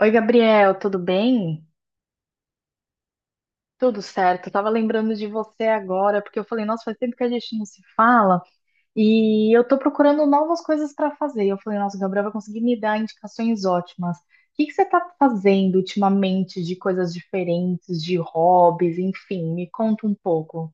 Oi, Gabriel, tudo bem? Tudo certo. Eu tava lembrando de você agora, porque eu falei, nossa, faz tempo que a gente não se fala e eu tô procurando novas coisas para fazer. Eu falei, nossa, o Gabriel vai conseguir me dar indicações ótimas. O que que você tá fazendo ultimamente de coisas diferentes, de hobbies, enfim, me conta um pouco.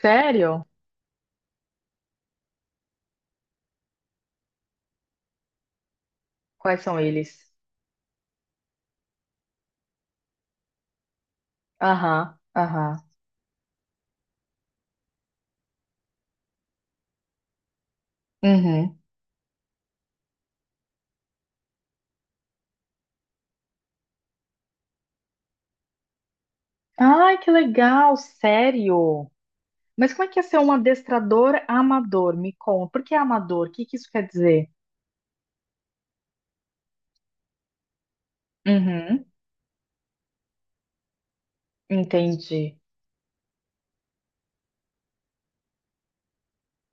Sério? Quais são eles? Aham, aham. Uhum. Ai, que legal, sério. Mas como é que é ser um adestrador amador? Me conta. Por que amador? O que que isso quer dizer? Uhum, entendi.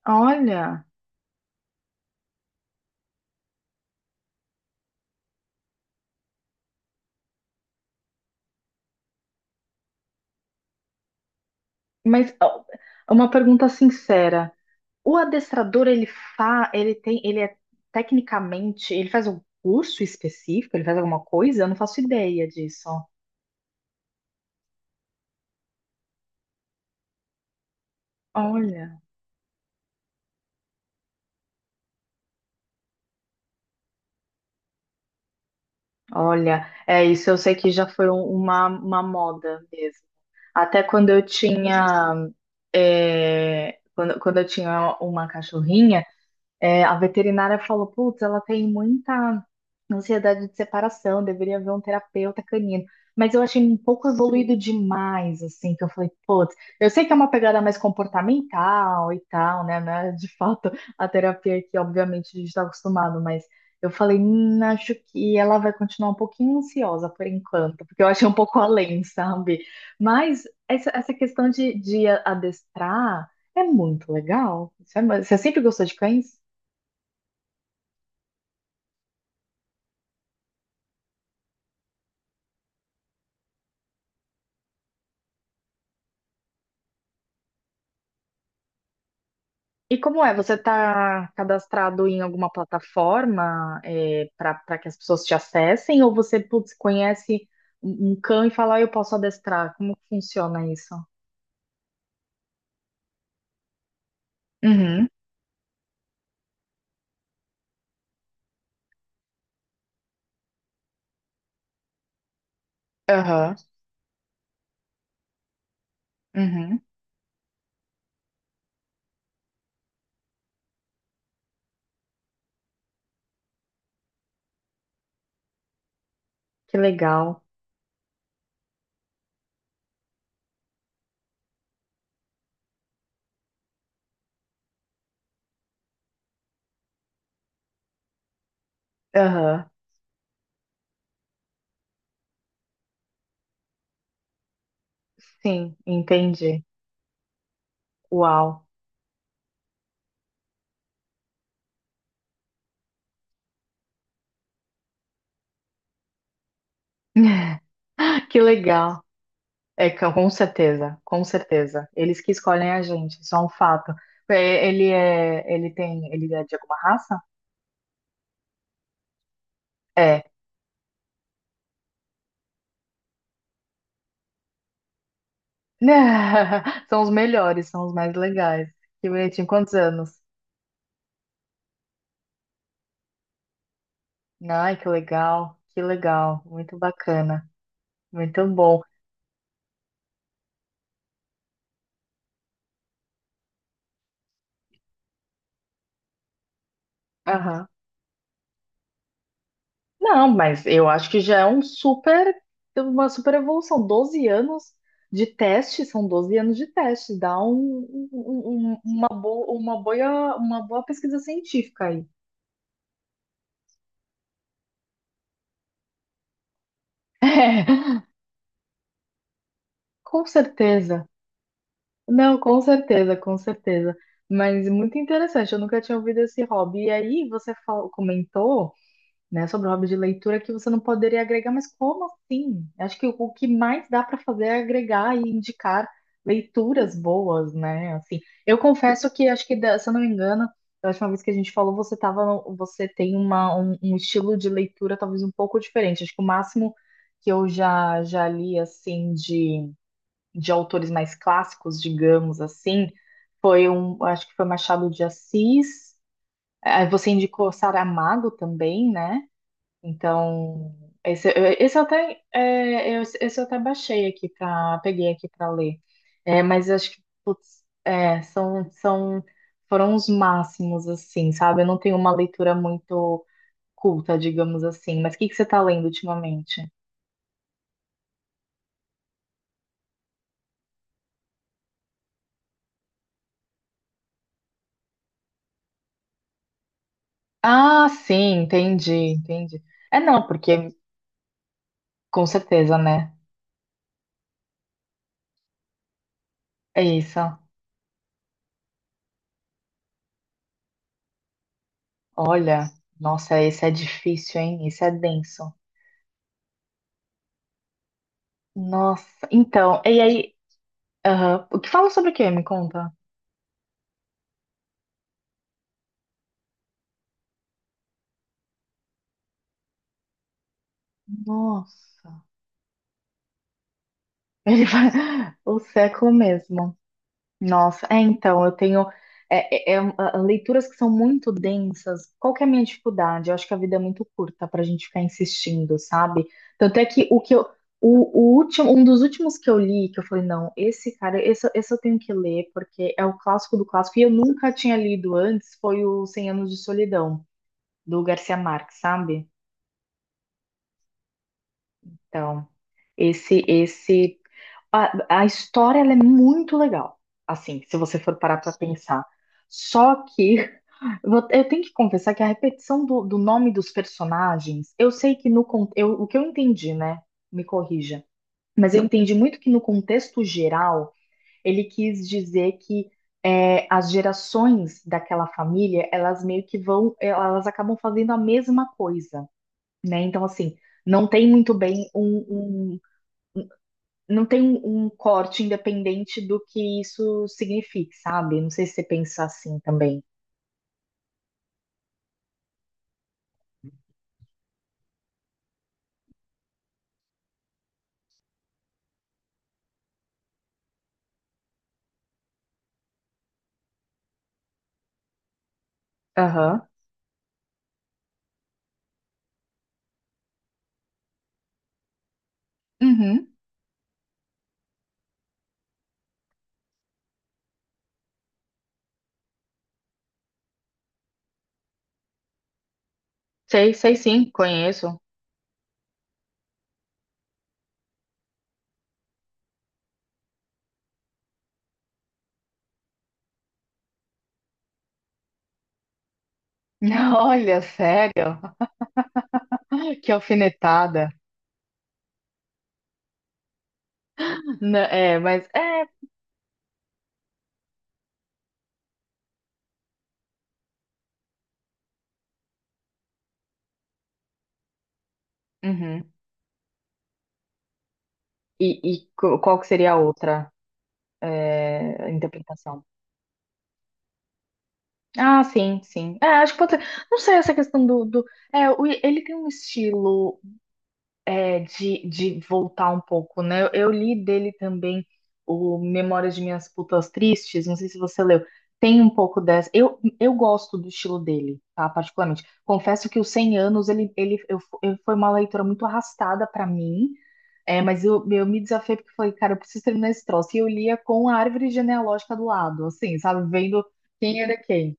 Olha, mas ó, uma pergunta sincera. O adestrador, ele fa, ele tem, ele é tecnicamente, ele faz um curso específico, ele faz alguma coisa? Eu não faço ideia disso. Olha, olha, é isso, eu sei que já foi uma moda mesmo. Até quando eu tinha, quando eu tinha uma cachorrinha. É, a veterinária falou, putz, ela tem muita ansiedade de separação, deveria ver um terapeuta canino. Mas eu achei um pouco evoluído demais, assim, que eu falei, putz, eu sei que é uma pegada mais comportamental e tal, né? Não é de fato a terapia que, obviamente, a gente está acostumado, mas eu falei, acho que ela vai continuar um pouquinho ansiosa por enquanto, porque eu achei um pouco além, sabe? Mas essa questão de adestrar é muito legal. Você sempre gostou de cães? E como é? Você está cadastrado em alguma plataforma para que as pessoas te acessem? Ou você, putz, conhece um cão e fala, "Ah, eu posso adestrar? Como que funciona isso?" Uhum, aham, uhum. Que legal. Aham, sim, entendi. Uau. Que legal. É, com certeza, com certeza. Eles que escolhem a gente, isso é um fato. É, ele é de alguma raça? É. São os melhores, são os mais legais. Que bonitinho, quantos anos? Ai, que legal, muito bacana, muito bom. Aham. Não, mas eu acho que já é uma super evolução. 12 anos de teste, são 12 anos de teste, dá uma boa pesquisa científica aí. É, com certeza. Não, com certeza, com certeza. Mas muito interessante, eu nunca tinha ouvido esse hobby. E aí você comentou, né, sobre o hobby de leitura que você não poderia agregar, mas como assim? Acho que o que mais dá para fazer é agregar e indicar leituras boas, né? Assim, eu confesso que acho que, se eu não me engano, da última vez que a gente falou, você tava, no- você tem um estilo de leitura talvez um pouco diferente. Acho que o máximo que eu já li assim de autores mais clássicos, digamos assim, acho que foi Machado de Assis. Aí você indicou Saramago também, né? Então, esse, esse eu até peguei aqui para ler. É, mas eu acho que, putz, é, foram os máximos, assim, sabe? Eu não tenho uma leitura muito culta, digamos assim. Mas o que que você está lendo ultimamente? Ah, sim, entendi, entendi. É, não, porque. Com certeza, né? É isso. Olha, nossa, esse é difícil, hein? Esse é denso. Nossa, então, e aí, aham, o que fala sobre o quê? Me conta. Nossa, ele vai o século mesmo. Nossa, é, então, eu tenho leituras que são muito densas. Qual que é a minha dificuldade? Eu acho que a vida é muito curta para a gente ficar insistindo, sabe? Tanto é que o último, um dos últimos que eu li, que eu falei, não, esse cara, esse eu tenho que ler, porque é o clássico do clássico, e eu nunca tinha lido antes, foi o Cem Anos de Solidão, do Garcia Marques, sabe? Então, esse, esse, a história ela é muito legal, assim, se você for parar para pensar. Só que eu tenho que confessar que a repetição do nome dos personagens, eu sei que no con- eu, o que eu entendi, né? Me corrija, mas eu entendi muito que no contexto geral ele quis dizer que as gerações daquela família, elas meio que vão, elas acabam fazendo a mesma coisa, né? Então assim, não tem muito bem um. Não tem um corte independente do que isso signifique, sabe? Não sei se você pensa assim também. Aham. Uhum. Sei, sei sim, conheço. Olha, sério? Que alfinetada. Não, é, mas é. Uhum. E qual que seria a outra interpretação? Ah, sim, sim. É, acho que pode ser. Não sei essa questão do. É, ele tem um estilo de voltar um pouco, né? Eu li dele também o Memórias de Minhas Putas Tristes, não sei se você leu. Tem um pouco dessa. Eu gosto do estilo dele, tá? Particularmente. Confesso que os 100 anos foi uma leitura muito arrastada pra mim, mas eu me desafiei porque eu falei, cara, eu preciso terminar esse troço. E eu lia com a árvore genealógica do lado, assim, sabe? Vendo quem era quem.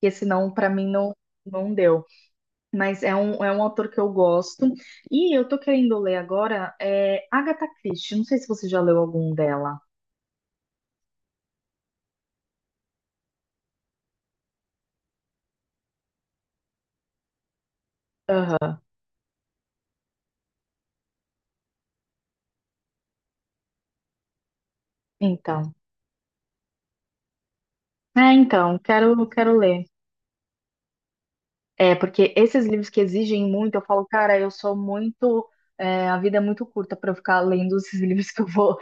Porque senão, pra mim, não, não deu. Mas é um autor que eu gosto. E eu tô querendo ler agora Agatha Christie. Não sei se você já leu algum dela. Então. É, então, quero ler. É, porque esses livros que exigem muito, eu falo, cara, eu sou muito. A vida é muito curta para eu ficar lendo esses livros que eu vou.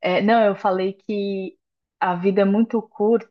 É, não, eu falei que a vida é muito curta.